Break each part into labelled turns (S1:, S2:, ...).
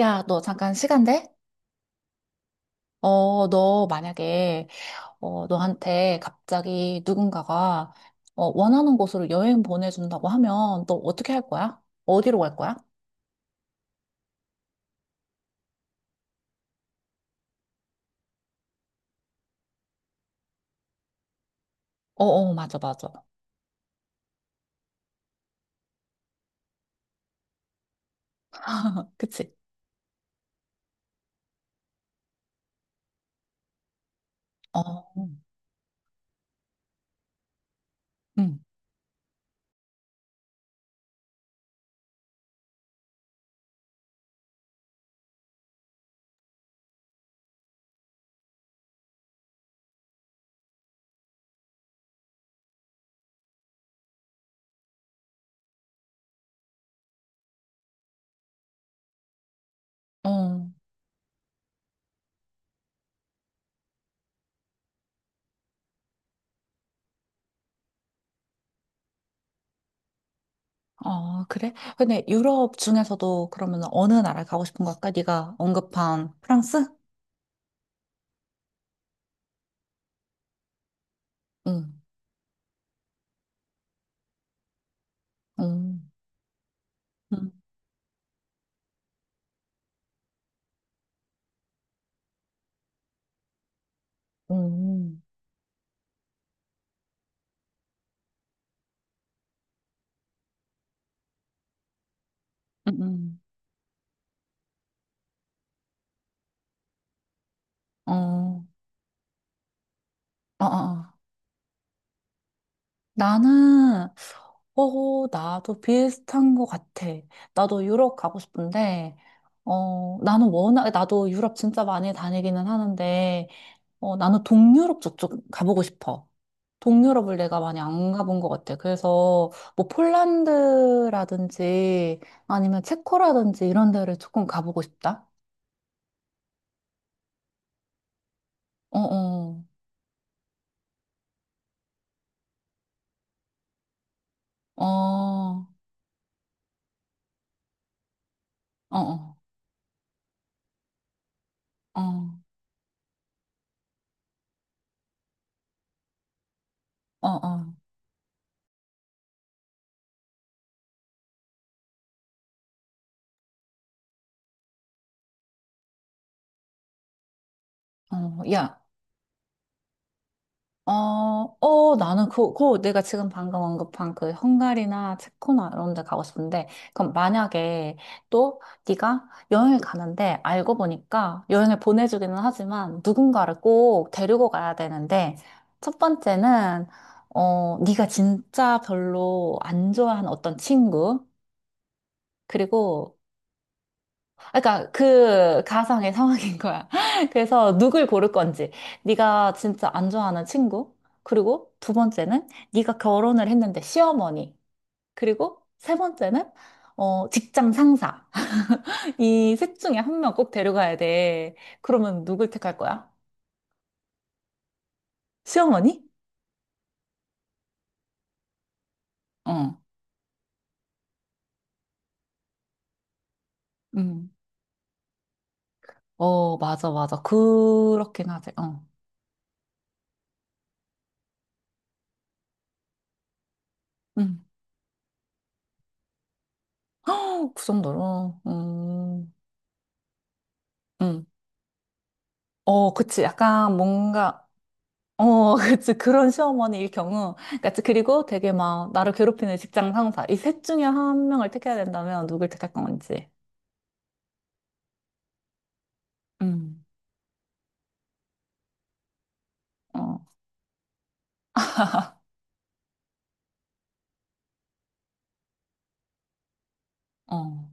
S1: 야, 너 잠깐 시간 돼? 어, 너 만약에, 어, 너한테 갑자기 누군가가, 어, 원하는 곳으로 여행 보내준다고 하면 너 어떻게 할 거야? 어디로 갈 거야? 어, 어, 맞아, 맞아. 그치? 어, 응, 어, 어, 그래? 근데 유럽 중에서도 그러면 어느 나라 가고 싶은 걸까? 네가 언급한 프랑스? 응, 응, 응, 응, 응, 응, 응. 어, 어, 어. 나는, 어, 나도 비슷한 것 같아. 나도 유럽 가고 싶은데, 어, 나는 워낙, 나도 유럽 진짜 많이 다니기는 하는데, 어, 나는 동유럽 저쪽 가보고 싶어. 동유럽을 내가 많이 안 가본 것 같아. 그래서, 뭐, 폴란드라든지, 아니면 체코라든지 이런 데를 조금 가보고 싶다. 어, 어, 어, 어, 어, 어, 어, 어. 어, 야. 어, 어, 나는 그 내가 지금 방금 언급한 그 헝가리나 체코나 이런 데 가고 싶은데, 그럼 만약에 또 네가 여행을 가는데 알고 보니까 여행을 보내주기는 하지만 누군가를 꼭 데리고 가야 되는데, 첫 번째는, 어, 네가 진짜 별로 안 좋아하는 어떤 친구, 그리고 아, 그러니까 그 가상의 상황인 거야. 그래서 누굴 고를 건지, 네가 진짜 안 좋아하는 친구, 그리고 두 번째는 네가 결혼을 했는데 시어머니, 그리고 세 번째는 어, 직장 상사. 이 셋 중에 한 명 꼭 데려가야 돼. 그러면 누굴 택할 거야? 시어머니? 어, 음, 어, 맞아, 맞아. 그렇긴 하지. 어, 음, 그 정도로, 음. 어, 그치. 약간 뭔가 어, 그치. 그런 시어머니일 경우. 그치. 그리고 되게 막, 나를 괴롭히는 직장 상사. 이 셋 중에 한 명을 택해야 된다면 누굴 택할 건지. 음, 어, 어,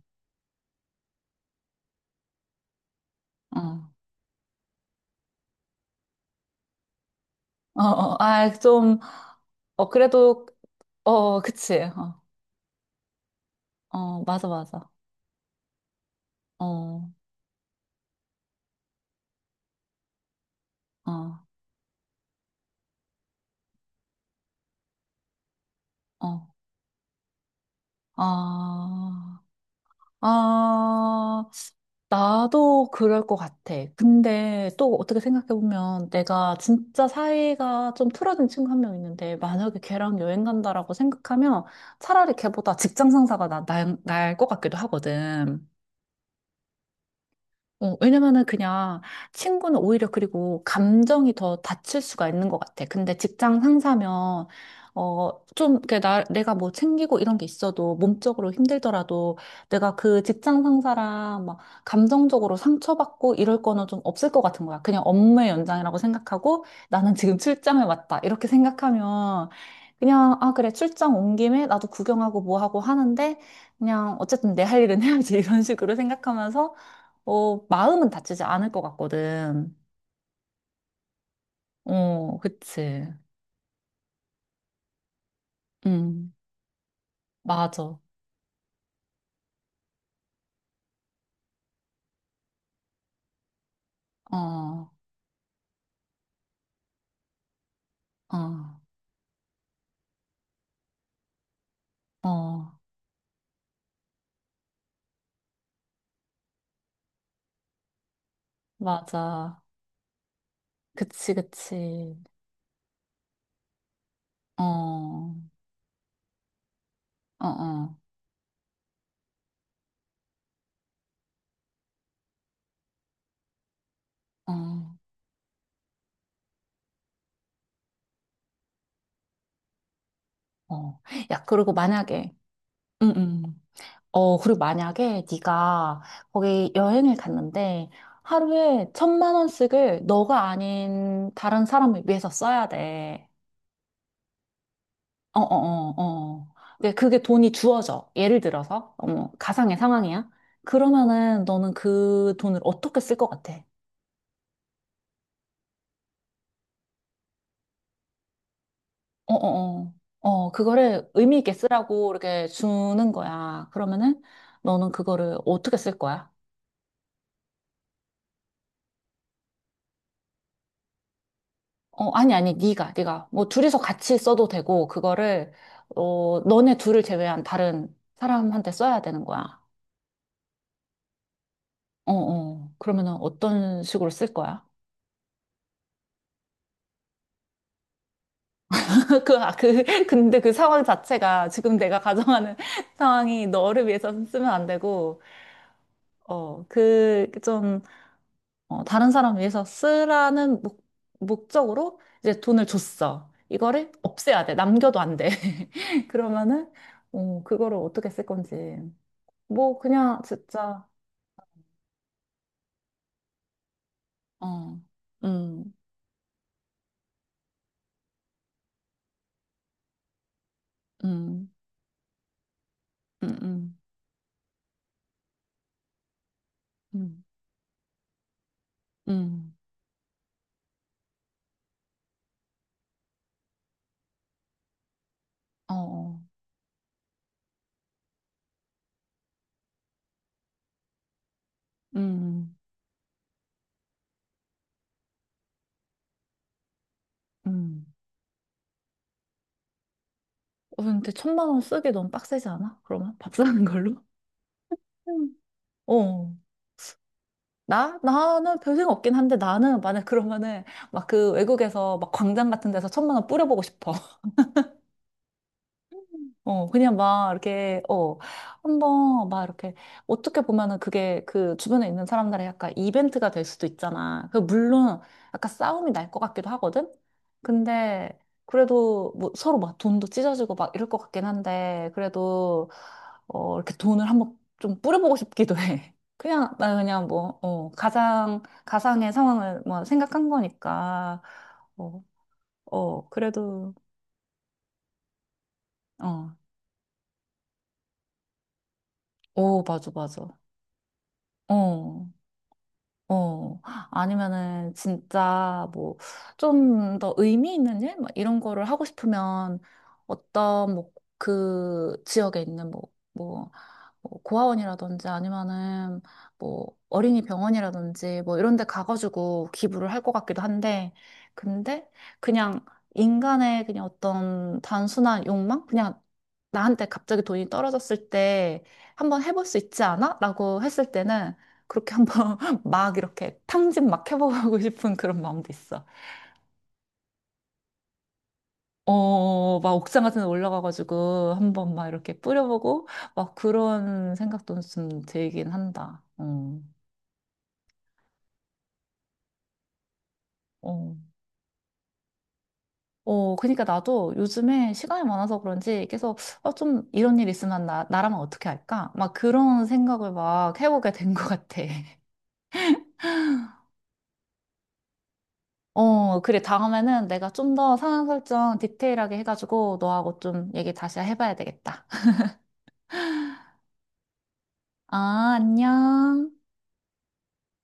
S1: 어, 어, 어, 아, 좀, 어, 그래도, 어, 그치. 어, 어, 맞아, 맞아. 어, 어, 어, 아. 아, 나도 그럴 것 같아. 근데 또 어떻게 생각해보면 내가 진짜 사이가 좀 틀어진 친구 한 명 있는데 만약에 걔랑 여행 간다라고 생각하면 차라리 걔보다 직장 상사가 날것 같기도 하거든. 어, 왜냐면은 그냥 친구는 오히려 그리고 감정이 더 다칠 수가 있는 것 같아. 근데 직장 상사면, 어, 좀, 그, 내가 뭐 챙기고 이런 게 있어도 몸적으로 힘들더라도 내가 그 직장 상사랑 막 감정적으로 상처받고 이럴 거는 좀 없을 것 같은 거야. 그냥 업무의 연장이라고 생각하고 나는 지금 출장을 왔다. 이렇게 생각하면 그냥, 아, 그래, 출장 온 김에 나도 구경하고 뭐 하고 하는데 그냥 어쨌든 내 할 일은 해야지. 이런 식으로 생각하면서 어, 마음은 다치지 않을 것 같거든. 어, 그치. 음, 맞아. 어, 어, 어, 맞아. 그치, 그치. 어, 어, 어, 어, 어. 야, 그리고 만약에, 음, 음. 어, 그리고 만약에 네가 거기 여행을 갔는데 하루에 천만 원씩을 너가 아닌 다른 사람을 위해서 써야 돼. 어, 어, 어, 어. 근데 그게 돈이 주어져. 예를 들어서, 어, 가상의 상황이야. 그러면은 너는 그 돈을 어떻게 쓸 것 같아? 어, 어, 어. 어, 그거를 의미 있게 쓰라고 이렇게 주는 거야. 그러면은 너는 그거를 어떻게 쓸 거야? 어, 아니, 아니, 네가, 네가. 뭐 둘이서 같이 써도 되고, 그거를, 어, 너네 둘을 제외한 다른 사람한테 써야 되는 거야. 어, 어. 그러면은 어떤 식으로 쓸 거야? 근데 그 상황 자체가 지금 내가 가정하는 상황이 너를 위해서 쓰면 안 되고, 어, 그 좀, 어, 다른 사람 위해서 쓰라는 목적으로 이제 돈을 줬어. 이거를 없애야 돼. 남겨도 안 돼. 그러면은, 어, 그거를 어떻게 쓸 건지. 뭐, 그냥 진짜, 어, 음, 음, 음, 음, 음, 음, 어, 어, 음, 음. 어, 근데 1,000만 원 쓰기 너무 빡세지 않아? 그러면 밥 사는 걸로? 음. 어. 나? 나는 별 생각 없긴 한데 나는 만약 그러면은 막 그 외국에서 막 광장 같은 데서 1,000만 원 뿌려보고 싶어. 어, 그냥 막 이렇게, 어, 한번 막 이렇게, 어떻게 보면은 그게 그 주변에 있는 사람들의 약간 이벤트가 될 수도 있잖아. 그 물론 약간 싸움이 날 것 같기도 하거든? 근데 그래도 뭐 서로 막 돈도 찢어지고 막 이럴 것 같긴 한데, 그래도, 어, 이렇게 돈을 한번 좀 뿌려보고 싶기도 해. 그냥, 나 그냥 뭐, 어, 가상의 상황을 뭐 생각한 거니까, 어, 어, 그래도, 어, 오, 맞아, 맞아. 어. 어, 아니면은 진짜 뭐 좀 더 의미 있는 일? 막 이런 거를 하고 싶으면 어떤 뭐 그 지역에 있는 뭐뭐 뭐 고아원이라든지 아니면은 뭐 어린이 병원이라든지 뭐 이런 데 가가지고 기부를 할 것 같기도 한데 근데 그냥 인간의 그냥 어떤 단순한 욕망? 그냥 나한테 갑자기 돈이 떨어졌을 때 한번 해볼 수 있지 않아? 라고 했을 때는 그렇게 한번 막 이렇게 탕진 막 해보고 싶은 그런 마음도 있어. 어, 막 옥상 같은 데 올라가가지고 한번 막 이렇게 뿌려보고 막 그런 생각도 좀 들긴 한다. 어. 어, 어, 그러니까 나도 요즘에 시간이 많아서 그런지 계속 어, 좀 이런 일 있으면 나라면 어떻게 할까? 막 그런 생각을 막 해보게 된 것 같아. 어, 그래. 다음에는 내가 좀 더 상황 설정 디테일하게 해가지고 너하고 좀 얘기 다시 해봐야 되겠다. 아, 안녕.